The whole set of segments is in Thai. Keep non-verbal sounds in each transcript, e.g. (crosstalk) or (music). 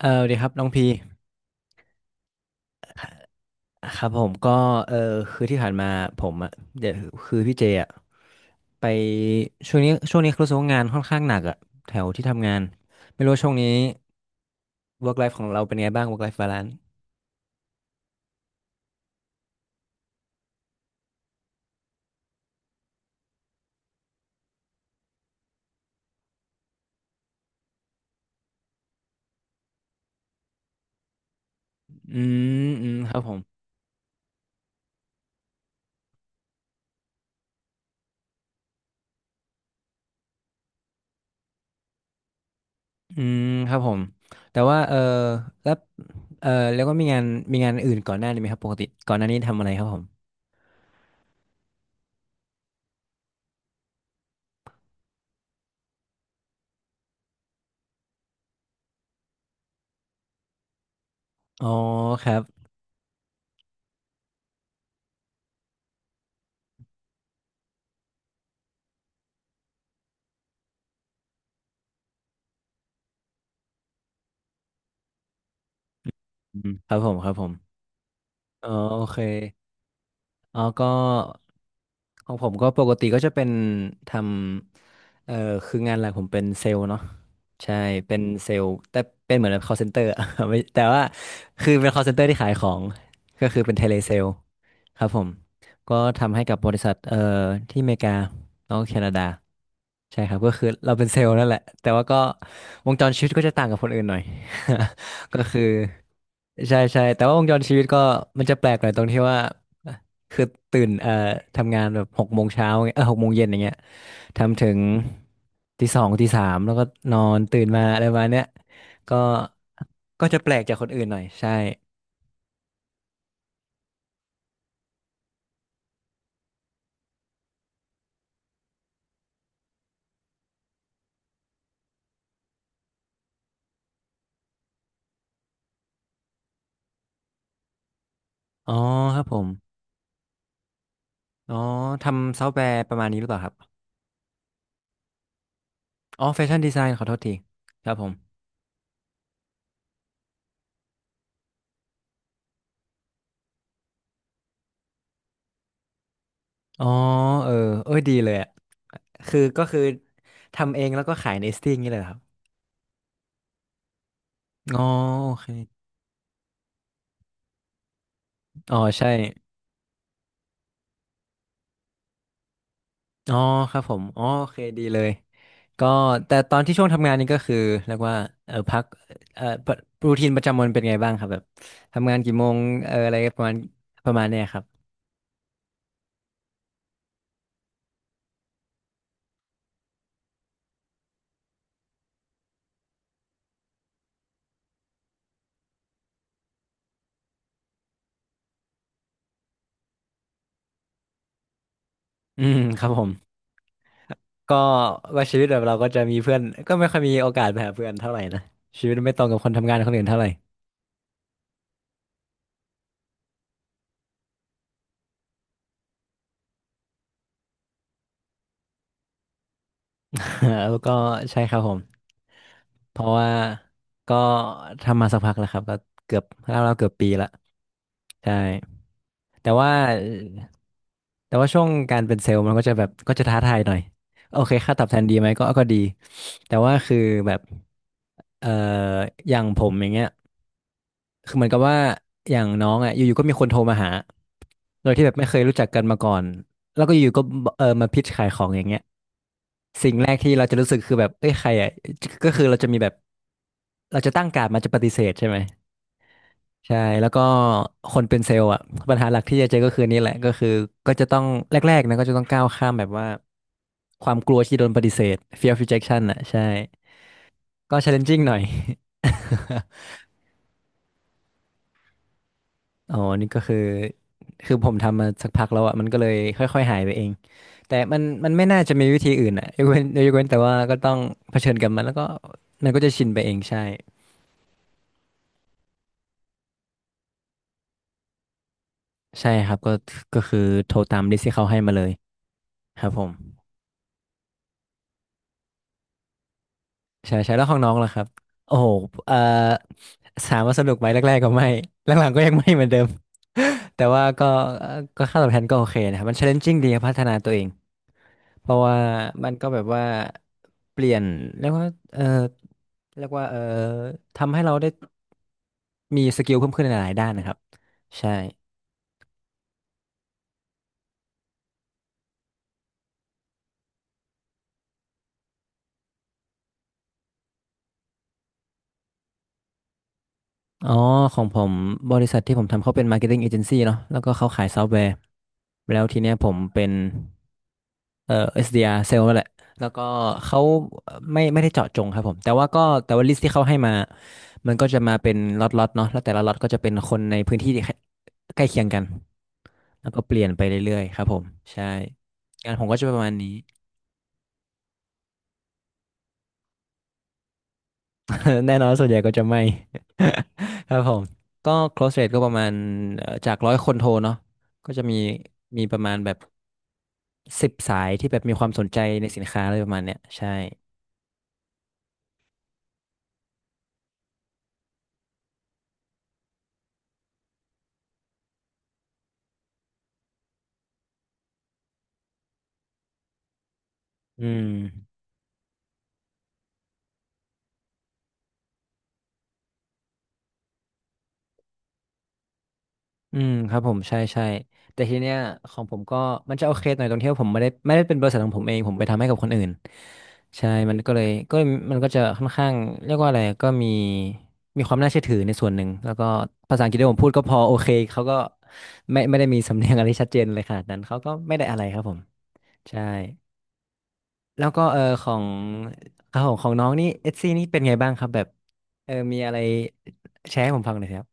เออสวัสดีครับน้องพีครับผมก็เออคือที่ผ่านมาผมอ่ะเดี๋ยวคือพี่เจอ่ะไปช่วงนี้ช่วงนี้รู้สึกว่างานค่อนข้างหนักอ่ะแถวที่ทำงานไม่รู้ว่าช่วงนี้ work life ของเราเป็นไงบ้าง work life balance อืมอืมครับผมอืมครับผมแต่ว่าแล้วเออแล้วก็มีงานอื่นก่อนหน้านี้ไหมครับปกติก่อนหน้านี้ทำอะไรครับผมอ๋อครับอืมครับผมครับผมอ๋อโอเค อ๋อก็ของผมก็ปกติก็จะเป็นทำคืองานหลักผมเป็นเซลล์เนาะใช่เป็นเซลล์แต่เป็นเหมือน call center อะ (laughs) ไม่แต่ว่าคือเป็น call center ที่ขายของก็คือเป็นเทเลเซลล์ครับผมก็ทำให้กับบริษัทที่อเมริกาแล้วก็แคนาดาใช่ครับก็คือเราเป็นเซลล์นั่นแหละแต่ว่าก็วงจรชีวิตก็จะต่างกับคนอื่นหน่อย (laughs) ก็คือใช่ใช่แต่ว่าวงจรชีวิตก็มันจะแปลกหน่อยตรงที่ว่า คือตื่นทำงานแบบ6 โมงเช้าเงี้ย6 โมงเย็นอย่างเงี้ยทำถึงตี 2ตี 3แล้วก็นอนตื่นมาอะไรประมาณเนี้ยก็ก็จะแปลกจากคนอื่นหน่อยใช่อ๋อครับผมอ๋อทำซอฟต์แวร์ประมาณนี้หรือเปล่าครับอ๋อแฟชั่นดีไซน์ขอโทษทีครับผมอ๋อเออเอ้ยดีเลยอ่ะคือก็คือทำเองแล้วก็ขายในสติ้งนี่เลยเหรอครับอ๋อโอเคอ๋อใช่ อ๋อครับผมอ๋อโอเคดีเลยก็แต่ตอนที่ช่วงทำงานนี่ก็คือเรียกว่าพักเออรูทีนประจำวันเป็นไงบ้างครับแบบทำงานกี่โมงอะไรประมาณประมาณเนี้ยครับอืมครับผมก็ว่าชีวิตแบบเราก็จะมีเพื่อนก็ไม่ค่อยมีโอกาสไปหาเพื่อนเท่าไหร่นะชีวิตไม่ตรงกับคนทำงานคนอื่นเท่าไหร่ (laughs) แล้วก็ใช่ครับผมเพราะว่าก็ทำมาสักพักแล้วครับก็เกือบเราเกือบปีละใช่แต่ว่า ช่วงการเป็นเซลล์มันก็จะแบบก็จะท้าทายหน่อยโอเคค่าตอบแทนดีไหมก็ดีแต่ว่าคือแบบเอ่ออย่างผมอย่างเงี้ยคือเหมือนกับว่าอย่างน้องอ่ะอยู่ๆก็มีคนโทรมาหาโดยที่แบบไม่เคยรู้จักกันมาก่อนแล้วก็อยู่ๆก็มาพิชขายของอย่างเงี้ยสิ่งแรกที่เราจะรู้สึกคือแบบเอ้ยใครอ่ะก็คือเราจะมีแบบเราจะตั้งการ์ดมาจะปฏิเสธใช่ไหม ใช่แล้วก็คนเป็นเซลล์อ่ะปัญหาหลักที่จะเจอก็คือนี่แหละก็คือก็จะต้องแรกๆนะก็จะต้องก้าวข้ามแบบว่าความกลัวที่โดนปฏิเสธ fear of rejection อ่ะใช่ก็ challenging หน่อย (laughs) อ๋อนี่ก็คือผมทำมาสักพักแล้วอ่ะมันก็เลยค่อยๆหายไปเองแต่มันไม่น่าจะมีวิธีอื่นอ่ะยกเว้นแต่ว่าก็ต้องเผชิญกับมันแล้วก็มันก็จะชินไปเองใช่ใช่ครับก็คือโทรตามลิสต์ที่เขาให้มาเลยครับผม ใช่ใช่แล้วของน้องล่ะครับโอ้โหเอ่อถามว่าสนุกไหมแรกๆก็ไม่ (laughs) หลังๆก็ยังไม่เหมือนเดิม (laughs) แต่ว่าก็เอ่อก็ค่าตอบแทนก็โอเคนะครับมัน challenging ดีครับพัฒนาตัวเองเพราะว่ามันก็แบบว่าเปลี่ยนเรียกว่าเออเรียกว่าเออทำให้เราได้มีสกิลเพิ่มขึ้นในหลายๆด้านนะครับใช่อ๋อของผมบริษัทที่ผมทำเขาเป็น marketing agency เนาะแล้วก็เขาขายซอฟต์แวร์แล้วทีเนี้ยผมเป็น เอ่อ SDR เซลล์นั่นแหละแล้วก็เขาไม่ได้เจาะจงครับผมแต่ว่าก็แต่ว่าลิสต์ที่เขาให้มามันก็จะมาเป็นล็อตๆเนาะแล้วแต่ละล็อตก็จะเป็นคนในพื้นที่ที่ใกล้เคียงกันแล้วก็เปลี่ยนไปเรื่อยๆครับผมใช่งานผมก็จะประมาณนี้ (laughs) แน่นอนส่วนใหญ่ก็จะไม่ (laughs) ครับผมก็ close rate ก็ประมาณจาก100 คนโทรเนาะก็จะมีประมาณแบบ10 สายที่แบบมีความสนใจในสินค้าอะไรประมาณเนี้ยใช่อืม อืมครับผมใช่ใช่แต่ทีเนี้ยของผมก็มันจะโอเคหน่อยตรงที่ว่าผมไม่ได้เป็นบริษัทของผมเองผมไปทำให้กับคนอื่นใช่มันก็เลยก็มันก็จะค่อนข้างเรียกว่าอะไรก็มีความน่าเชื่อถือในส่วนหนึ่งแล้วก็ภาษาอังกฤษที่ผมพูดก็พอโอเคเขาก็ไม่ได้มีสำเนียงอะไรชัดเจนเลยขนาดนั้นเขาก็ไม่ได้อะไรครับผมใช่แล้วก็ของครับผมของน้องนี่เอซี่นี่เป็นไงบ้างครับแบบมีอะไรแชร์ให้ผมฟังหน่อยสิครับ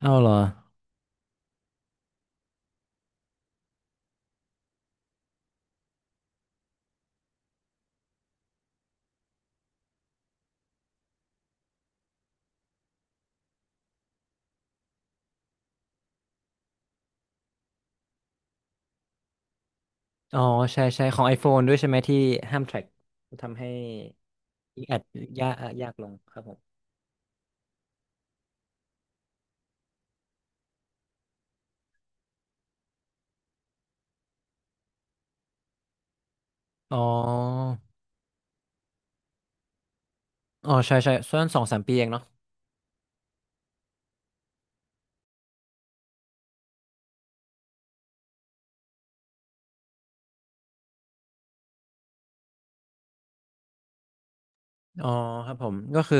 เอาเหรอ อ๋อใช่ใช่ของ iPhone ด้วยใช่ไหมที่ห้ามแทร็กทำให้อีกแอดยากลงครับผมอ๋ออ๋อใช่ใช่ส่วนสองสามปีเองเนาะอ๋อครับผมก็คือ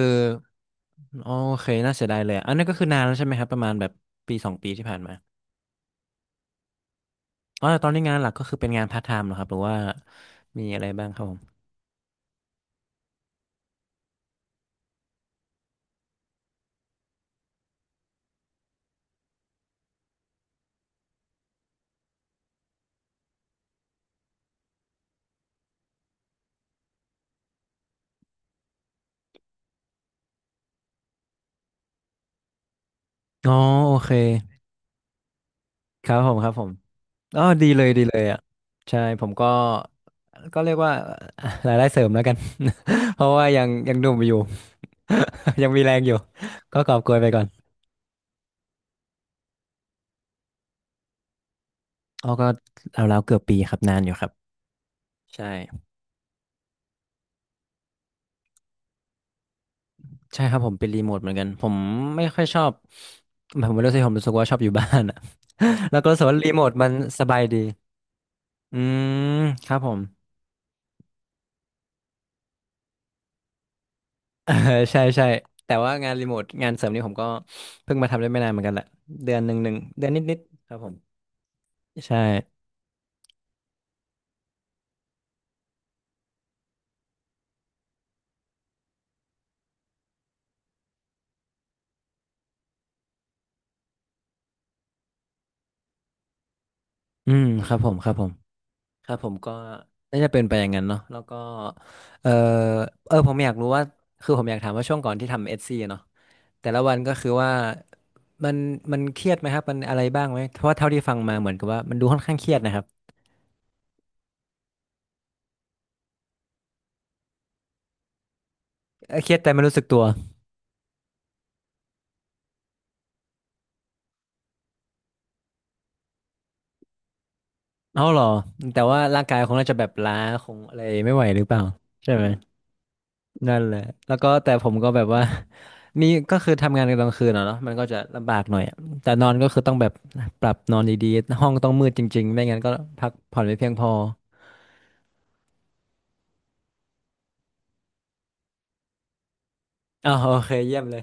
อ๋อโอเคน่าเสียดายเลยอะอันนี้นก็คือนานแล้วใช่ไหมครับประมาณแบบปีสองปีที่ผ่านมาอ๋อแต่ตอนนี้งานหลักก็คือเป็นงานพาร์ทไทม์เหรอครับหรือว่ามีอะไรบ้างครับผมอ๋อโอเคครับผมครับผม อ๋อดีเลยดีเลยอ่ะ ใช่ผมก็ ก็เรียกว่า (laughs) รายได้เสริมแล้วกัน (laughs) เพราะว่ายังหนุ่มอยู่ (laughs) ยังมีแรงอยู่ ก็กอบโกยไปก่อนอ๋อก็เอาแล้วเกือบปีครับนานอยู่ครับใช่ ใช่ครับผมเป็นรีโมทเหมือนกันผมไม่ค่อยชอบผมไม่รู้สิผมรู้สึกว่าชอบอยู่บ้านอ่ะ (laughs) แล้วก็รู้สึกว่ารีโมทมันสบายดีอืม ครับผม (laughs) เออใช่ใช่แต่ว่างานรีโมทงานเสริมนี่ผมก็เพิ่งมาทำได้ไม่นานเหมือนกันแหละเดือนหนึ่งหนึ่งเดือนนิดๆครับผม ใช่อืมครับผมครับผมครับผมก็น่าจะเป็นไปอย่างนั้นเนาะแล้วก็เออผมอยากรู้ว่า คือผมอยากถามว่าช่วงก่อนที่ทำเอสซีเนาะแต่ละวันก็คือว่า มันมันเครียดไหมครับมันอะไรบ้างไหมเพราะว่าเท่าที่ฟังมาเหมือนกับว่ามันดูค่อนข้างเครียดนะครับเครียดแต่ไม่รู้สึกตัวเอ้าเหรอ แต่ว่าร่างกายคงน่าจะแบบล้าคงอะไรไม่ไหวหรือเปล่าใช่ไหม นั่นแหละแล้วก็แต่ผมก็แบบว่า (laughs) มีก็คือทำงานนกลางคืนอะเนาะมันก็จะลำบากหน่อยอะแต่นอนก็คือต้องแบบปรับนอนดีๆ ห้องต้องมืดจริงๆ ไม่งั้นก็พักผ่อนไม่เพียงพออ๋อโอเคเยี่ยมเลย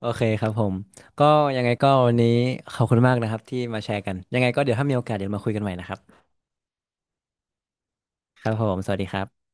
โอเคครับผม ก็ยังไงก็วันนี้ขอบคุณมากนะครับที่มาแชร์กันยังไงก็เดี๋ยวถ้ามีโอกาสเดี๋ยวมาคุยกันใหม่นะครับครับผมสวัสดีครับ